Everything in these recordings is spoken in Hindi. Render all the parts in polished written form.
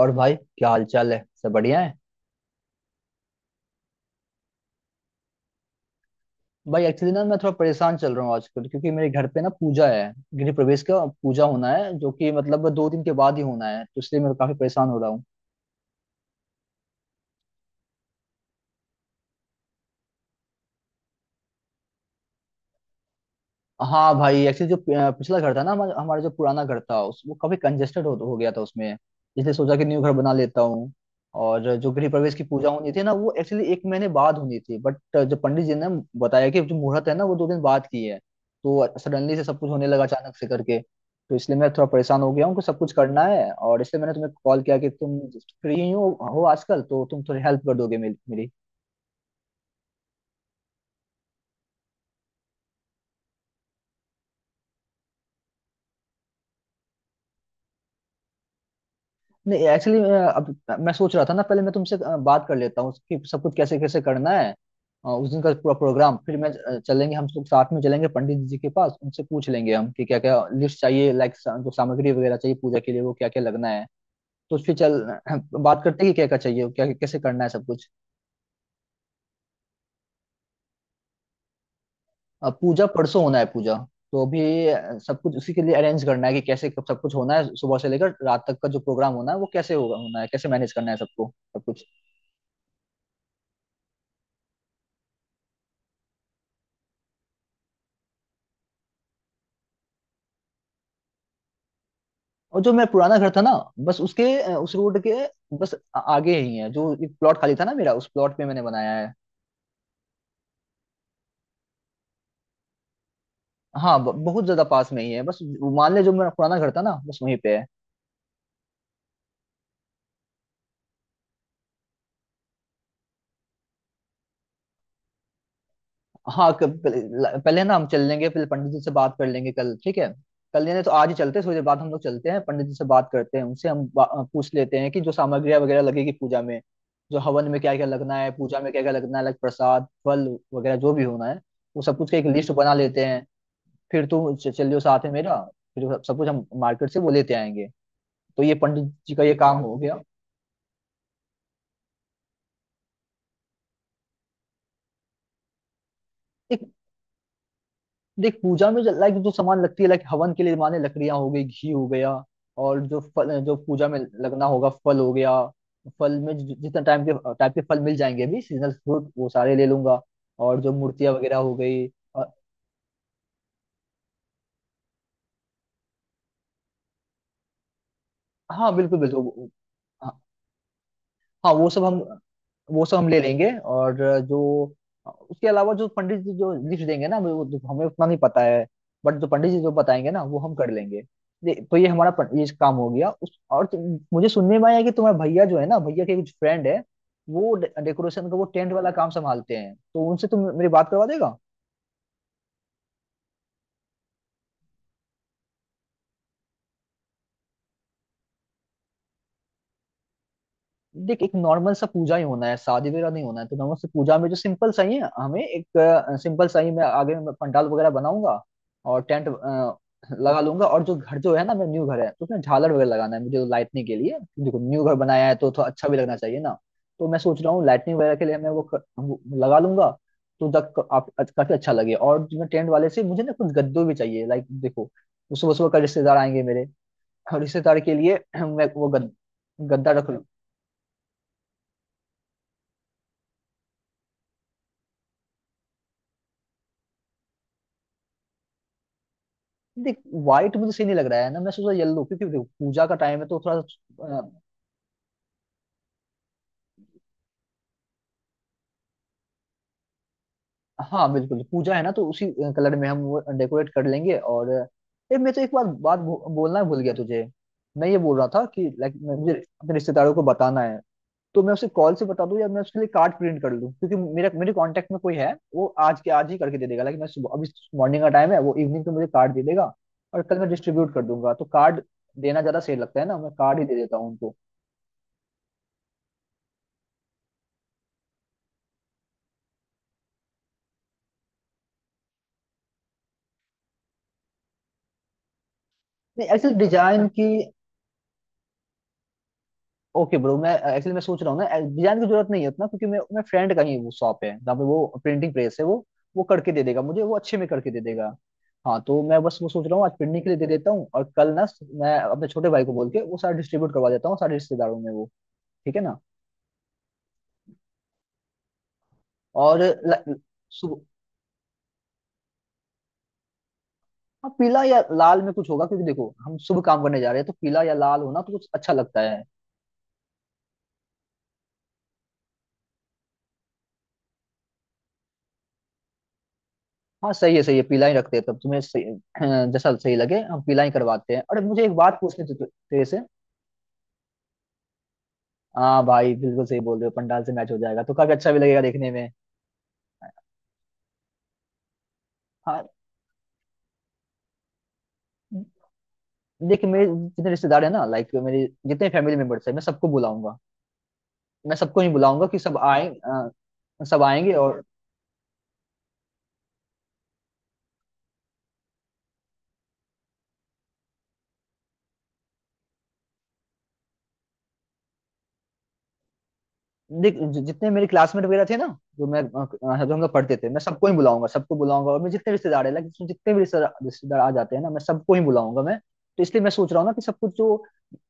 और भाई क्या हाल चाल है। सब बढ़िया है। भाई एक्चुअली ना मैं थोड़ा परेशान चल रहा हूँ आजकल, क्योंकि मेरे घर पे ना पूजा है, गृह प्रवेश का पूजा होना है, जो कि मतलब 2 दिन के बाद ही होना है, तो इसलिए मैं काफी परेशान हो रहा हूँ। हाँ भाई एक्चुअली जो पिछला घर था ना हमारा हमारा जो पुराना घर था, उस वो काफी कंजेस्टेड हो गया था उसमें। इसलिए सोचा कि न्यू घर बना लेता हूँ। और जो गृह प्रवेश की पूजा होनी थी ना वो एक्चुअली 1 महीने बाद होनी थी, बट जो पंडित जी ने बताया कि जो मुहूर्त है ना वो 2 दिन बाद की है। तो सडनली से सब कुछ होने लगा अचानक से करके, तो इसलिए मैं थोड़ा परेशान हो गया हूँ कि सब कुछ करना है, और इसलिए मैंने तुम्हें कॉल किया कि तुम फ्री हो आजकल तो तुम थोड़ी हेल्प कर दोगे मेरी। नहीं एक्चुअली अब मैं सोच रहा था ना पहले मैं तुमसे बात कर लेता हूँ कि सब कुछ कैसे कैसे करना है। उस दिन का पूरा प्रोग्राम, फिर मैं चलेंगे, हम लोग साथ में चलेंगे पंडित जी के पास, उनसे पूछ लेंगे हम कि क्या क्या लिस्ट चाहिए, लाइक जो सामग्री वगैरह चाहिए पूजा के लिए वो क्या क्या लगना है। तो फिर चल बात करते हैं कि क्या क्या चाहिए, क्या कैसे करना है सब कुछ। पूजा परसों होना है पूजा। तो अभी सब कुछ उसी के लिए अरेंज करना है कि कैसे कब सब कुछ होना है, सुबह से लेकर रात तक का जो प्रोग्राम होना है वो कैसे होगा होना है, कैसे मैनेज करना है सबको सब कुछ। और जो मेरा पुराना घर था ना बस उसके उस रोड के बस आगे ही है, जो एक प्लॉट खाली था ना मेरा उस प्लॉट पे मैंने बनाया है। हाँ बहुत ज्यादा पास में ही है, बस वो मान ले जो मेरा पुराना घर था ना बस वहीं पे है। हाँ पहले पहले ना हम चल लेंगे, फिर पंडित जी से बात कर लेंगे कल, ठीक है। कल यानी तो आज ही चलते हैं, थोड़ी देर बाद हम लोग चलते हैं पंडित जी से, बात करते हैं उनसे, हम पूछ लेते हैं कि जो सामग्रियाँ वगैरह लगेगी पूजा में, जो हवन में क्या क्या लगना है, पूजा में क्या क्या लगना है, अलग प्रसाद फल वगैरह जो भी होना है वो सब कुछ का एक लिस्ट बना लेते हैं। फिर तुम चलियो साथ में मेरा, फिर सब सब कुछ हम मार्केट से वो लेते आएंगे। तो ये पंडित जी का ये काम हो गया। एक देख, पूजा में लाइक जो सामान लगती है, लाइक हवन के लिए माने लकड़ियां हो गई, घी हो गया, और जो फल जो पूजा में लगना होगा फल हो गया। फल में जितना टाइम के टाइप के फल मिल जाएंगे अभी, सीजनल फ्रूट वो सारे ले लूंगा। और जो मूर्तियां वगैरह हो गई, और हाँ बिल्कुल बिल्कुल हाँ। हाँ, वो सब हम, वो सब हम ले लेंगे। और जो उसके अलावा जो पंडित जी जो लिस्ट देंगे ना हमें, वो तो हमें उतना नहीं पता है, बट जो पंडित जी जो बताएंगे ना वो हम कर लेंगे। तो ये हमारा ये काम हो गया उस। और मुझे सुनने में आया कि तुम्हारे भैया जो है ना, भैया के कुछ फ्रेंड है वो डेकोरेशन का वो टेंट वाला काम संभालते हैं, तो उनसे तुम मेरी बात करवा देगा। देख एक नॉर्मल सा पूजा ही होना है, शादी वगैरह नहीं होना है, तो नॉर्मल से पूजा में जो सिंपल सा ही है हमें एक सिंपल सा ही, मैं आगे मैं पंडाल वगैरह बनाऊंगा और टेंट लगा लूंगा। और जो घर जो है ना मेरा न्यू घर है तो उसमें झालर वगैरह लगाना है मुझे, तो लाइटनिंग के लिए देखो न्यू घर बनाया है तो थोड़ा अच्छा भी लगना चाहिए ना। तो मैं सोच रहा हूँ लाइटनिंग वगैरह के लिए मैं वो लगा लूंगा, तो तक आप काफी अच्छा लगे। और जो टेंट वाले से मुझे ना कुछ गद्दे भी चाहिए, लाइक देखो सुबह सुबह का रिश्तेदार आएंगे मेरे, और रिश्तेदार के लिए मैं गद्दा रख। देख व्हाइट मुझे सही नहीं लग रहा है ना, मैं सोचा येलो, क्योंकि देखो पूजा का टाइम है तो हाँ बिल्कुल पूजा है ना तो उसी कलर में हम वो डेकोरेट कर लेंगे। और मैं तो एक बार बोलना भूल गया तुझे। मैं ये बोल रहा था कि लाइक मुझे अपने रिश्तेदारों को बताना है, तो मैं उसे कॉल से बता दूं, या मैं उसके लिए कार्ड प्रिंट कर लूं, क्योंकि मेरा मेरे कांटेक्ट में कोई है वो आज के आज ही करके दे देगा। लाइक मैं सुबह अभी मॉर्निंग का टाइम है, वो इवनिंग को मुझे कार्ड दे देगा और कल मैं डिस्ट्रीब्यूट कर दूंगा। तो कार्ड देना ज्यादा सही लगता है ना, मैं कार्ड ही दे देता हूँ उनको। नहीं एक्चुअली डिजाइन की, ओके ब्रो, मैं एक्चुअली मैं सोच रहा हूँ ना डिजाइन की जरूरत नहीं है उतना, क्योंकि मैं फ्रेंड का ही वो शॉप है जहाँ पे वो प्रिंटिंग प्रेस है, वो करके दे देगा मुझे वो अच्छे में करके दे देगा। हाँ तो मैं बस वो सोच रहा हूँ आज प्रिंटिंग के लिए दे देता हूँ, और कल ना मैं अपने छोटे भाई को बोल के वो सारा डिस्ट्रीब्यूट करवा देता हूँ सारे रिश्तेदारों में वो, ठीक है ना। और सुबह हाँ, पीला या लाल में कुछ होगा, क्योंकि देखो हम शुभ काम करने जा रहे हैं तो पीला या लाल होना तो कुछ अच्छा लगता है। हाँ सही है सही है, पीला ही रखते हैं, तब तुम्हें जैसा सही लगे हम पीला ही करवाते हैं। अरे मुझे एक बात पूछनी थी तेरे से। हाँ भाई बिल्कुल सही बोल रहे हो, पंडाल से मैच हो जाएगा तो काफी अच्छा भी लगेगा देखने में। हाँ देख, मेरे जितने रिश्तेदार है ना लाइक मेरे जितने फैमिली मेंबर्स है मैं सबको बुलाऊंगा, मैं सबको नहीं बुलाऊंगा कि सब सब आएंगे। और देख जितने मेरे क्लासमेट वगैरह थे ना, जो जो हम लोग पढ़ते थे मैं सबको ही बुलाऊंगा, सबको बुलाऊंगा। और मेरे जितने रिश्तेदार है लाइक जितने भी रिश्तेदार रिश्तेदार आ जाते हैं ना मैं सबको ही बुलाऊंगा मैं। तो इसलिए मैं सोच रहा हूँ ना कि सब कुछ जो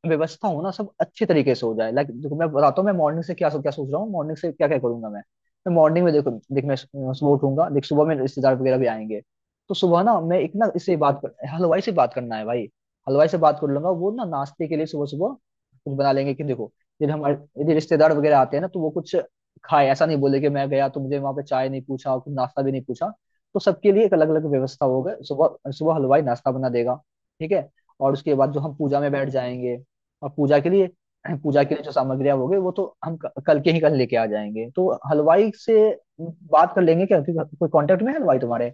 व्यवस्था हो ना सब अच्छे तरीके से हो जाए। लाइक देखो मैं बताता हूँ, मैं मॉर्निंग से क्या क्या सोच रहा हूँ, मॉर्निंग से क्या क्या करूंगा मैं। मैं मॉर्निंग में देखो देख मैं सुबह उठूंगा, देख सुबह में रिश्तेदार वगैरह भी आएंगे, तो सुबह ना मैं एक ना इससे बात कर हलवाई से बात करना है भाई। हलवाई से बात कर लूंगा वो ना नाश्ते के लिए सुबह सुबह कुछ बना लेंगे कि देखो यदि हमारे, यदि रिश्तेदार वगैरह आते हैं ना तो वो कुछ खाए, ऐसा नहीं बोले कि मैं गया तो मुझे वहां पे चाय नहीं पूछा और कुछ नाश्ता भी नहीं पूछा। तो सबके लिए एक अलग अलग व्यवस्था होगा, सुबह सुबह हलवाई नाश्ता बना देगा, ठीक है। और उसके बाद जो हम पूजा में बैठ जाएंगे, और पूजा के लिए पूजा के लिए जो सामग्रियां होगी वो तो हम कल के ही कल लेके आ जाएंगे। तो हलवाई से बात कर लेंगे क्या, क्योंकि कोई कांटेक्ट में है हलवाई तुम्हारे।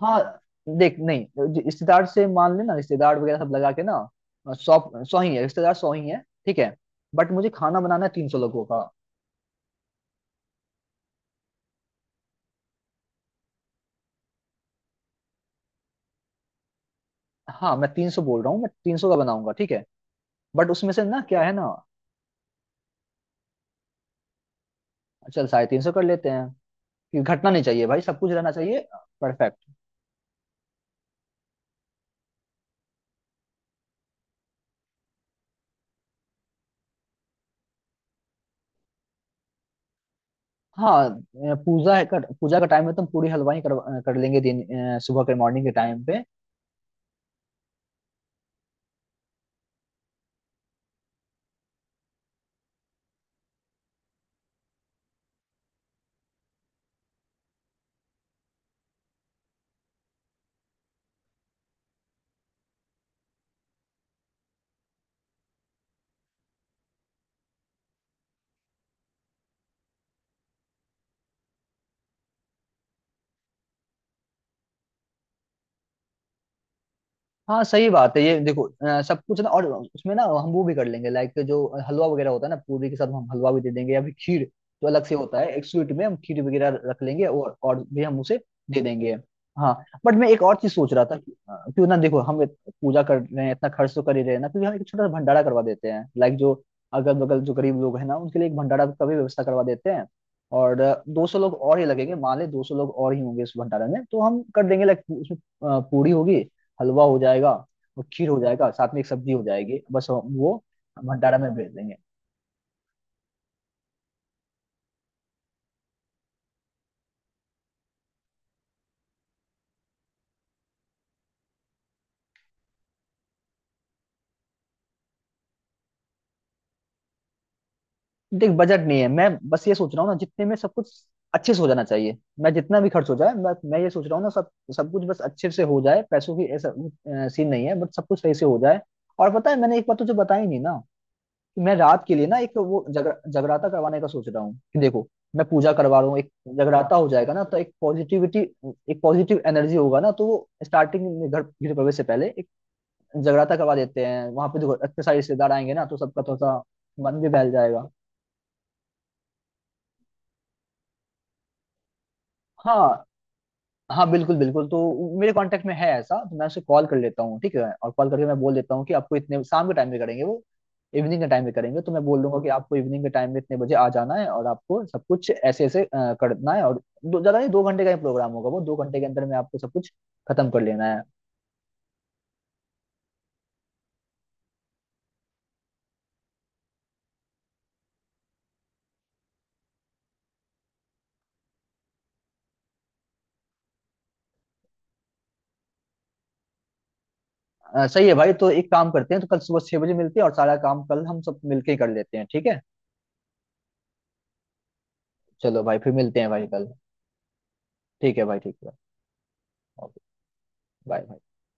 हाँ देख नहीं, जो रिश्तेदार से मान लेना रिश्तेदार वगैरह सब लगा के ना सौ सौ ही है रिश्तेदार, सौ ही है, ठीक है। बट मुझे खाना बनाना है 300 लोगों का। हाँ मैं 300 बोल रहा हूँ, मैं तीन सौ का बनाऊंगा, ठीक है। बट उसमें से ना क्या है ना, चल 350 कर लेते हैं, कि घटना नहीं चाहिए भाई सब कुछ रहना चाहिए। परफेक्ट। हाँ पूजा है पूजा का टाइम है तो हम पूरी हलवाई कर लेंगे दिन, सुबह के मॉर्निंग के टाइम पे। हाँ सही बात है ये, देखो सब कुछ ना और उसमें ना हम वो भी कर लेंगे, लाइक जो हलवा वगैरह होता है ना पूरी के साथ, हम हलवा भी दे देंगे या फिर खीर जो अलग से होता है, एक स्वीट में हम खीर वगैरह रख लेंगे और भी हम उसे दे देंगे। हाँ बट मैं एक और चीज सोच रहा था कि क्यों ना देखो हम पूजा कर रहे हैं, इतना खर्च तो कर ही रहे हैं ना, क्योंकि हम एक छोटा सा भंडारा करवा देते हैं, लाइक जो अगल बगल जो गरीब लोग हैं ना उनके लिए एक भंडारा का भी व्यवस्था करवा देते हैं। और दो सौ लोग और ही लगेंगे, मान ले 200 लोग और ही होंगे उस भंडारा में, तो हम कर देंगे लाइक उसमें पूरी होगी, हलवा हो जाएगा और खीर हो जाएगा, साथ में एक सब्जी हो जाएगी, बस हम वो भंडारा में भेज देंगे। देख बजट नहीं है, मैं बस ये सोच रहा हूँ ना जितने में सब कुछ अच्छे से हो जाना चाहिए, मैं जितना भी खर्च हो जाए, मैं ये सोच रहा हूँ ना सब, सब कुछ बस अच्छे से हो जाए। पैसों की ऐसा सीन नहीं है, बट सब कुछ सही से हो जाए। और पता है मैंने एक बात तुझे बताई नहीं ना, कि मैं रात के लिए ना एक वो जगराता करवाने का सोच रहा हूँ, कि देखो मैं पूजा करवा रहा हूँ, एक जगराता हो जाएगा ना तो एक पॉजिटिविटी, एक पॉजिटिव एनर्जी होगा ना। तो वो स्टार्टिंग में घर गृह प्रवेश से पहले जगराता करवा देते हैं वहां पे, देखो इतने सारे रिश्तेदार आएंगे ना तो सबका थोड़ा सा मन भी बहल जाएगा। हाँ हाँ बिल्कुल बिल्कुल, तो मेरे कांटेक्ट में है ऐसा, तो मैं उसे कॉल कर लेता हूँ ठीक है, और कॉल करके मैं बोल देता हूँ कि आपको इतने शाम के टाइम में करेंगे वो, इवनिंग के टाइम में करेंगे, तो मैं बोल दूंगा कि आपको इवनिंग के टाइम में इतने बजे आ जाना है और आपको सब कुछ ऐसे ऐसे करना है, और दो ज्यादा नहीं, 2 घंटे का ही प्रोग्राम होगा वो, 2 घंटे के अंदर में आपको सब कुछ खत्म कर लेना है। सही है भाई, तो एक काम करते हैं, तो कल सुबह 6 बजे मिलते हैं और सारा काम कल हम सब मिलके ही कर लेते हैं, ठीक है। चलो भाई फिर मिलते हैं भाई कल, ठीक है भाई ठीक है। Okay, bye.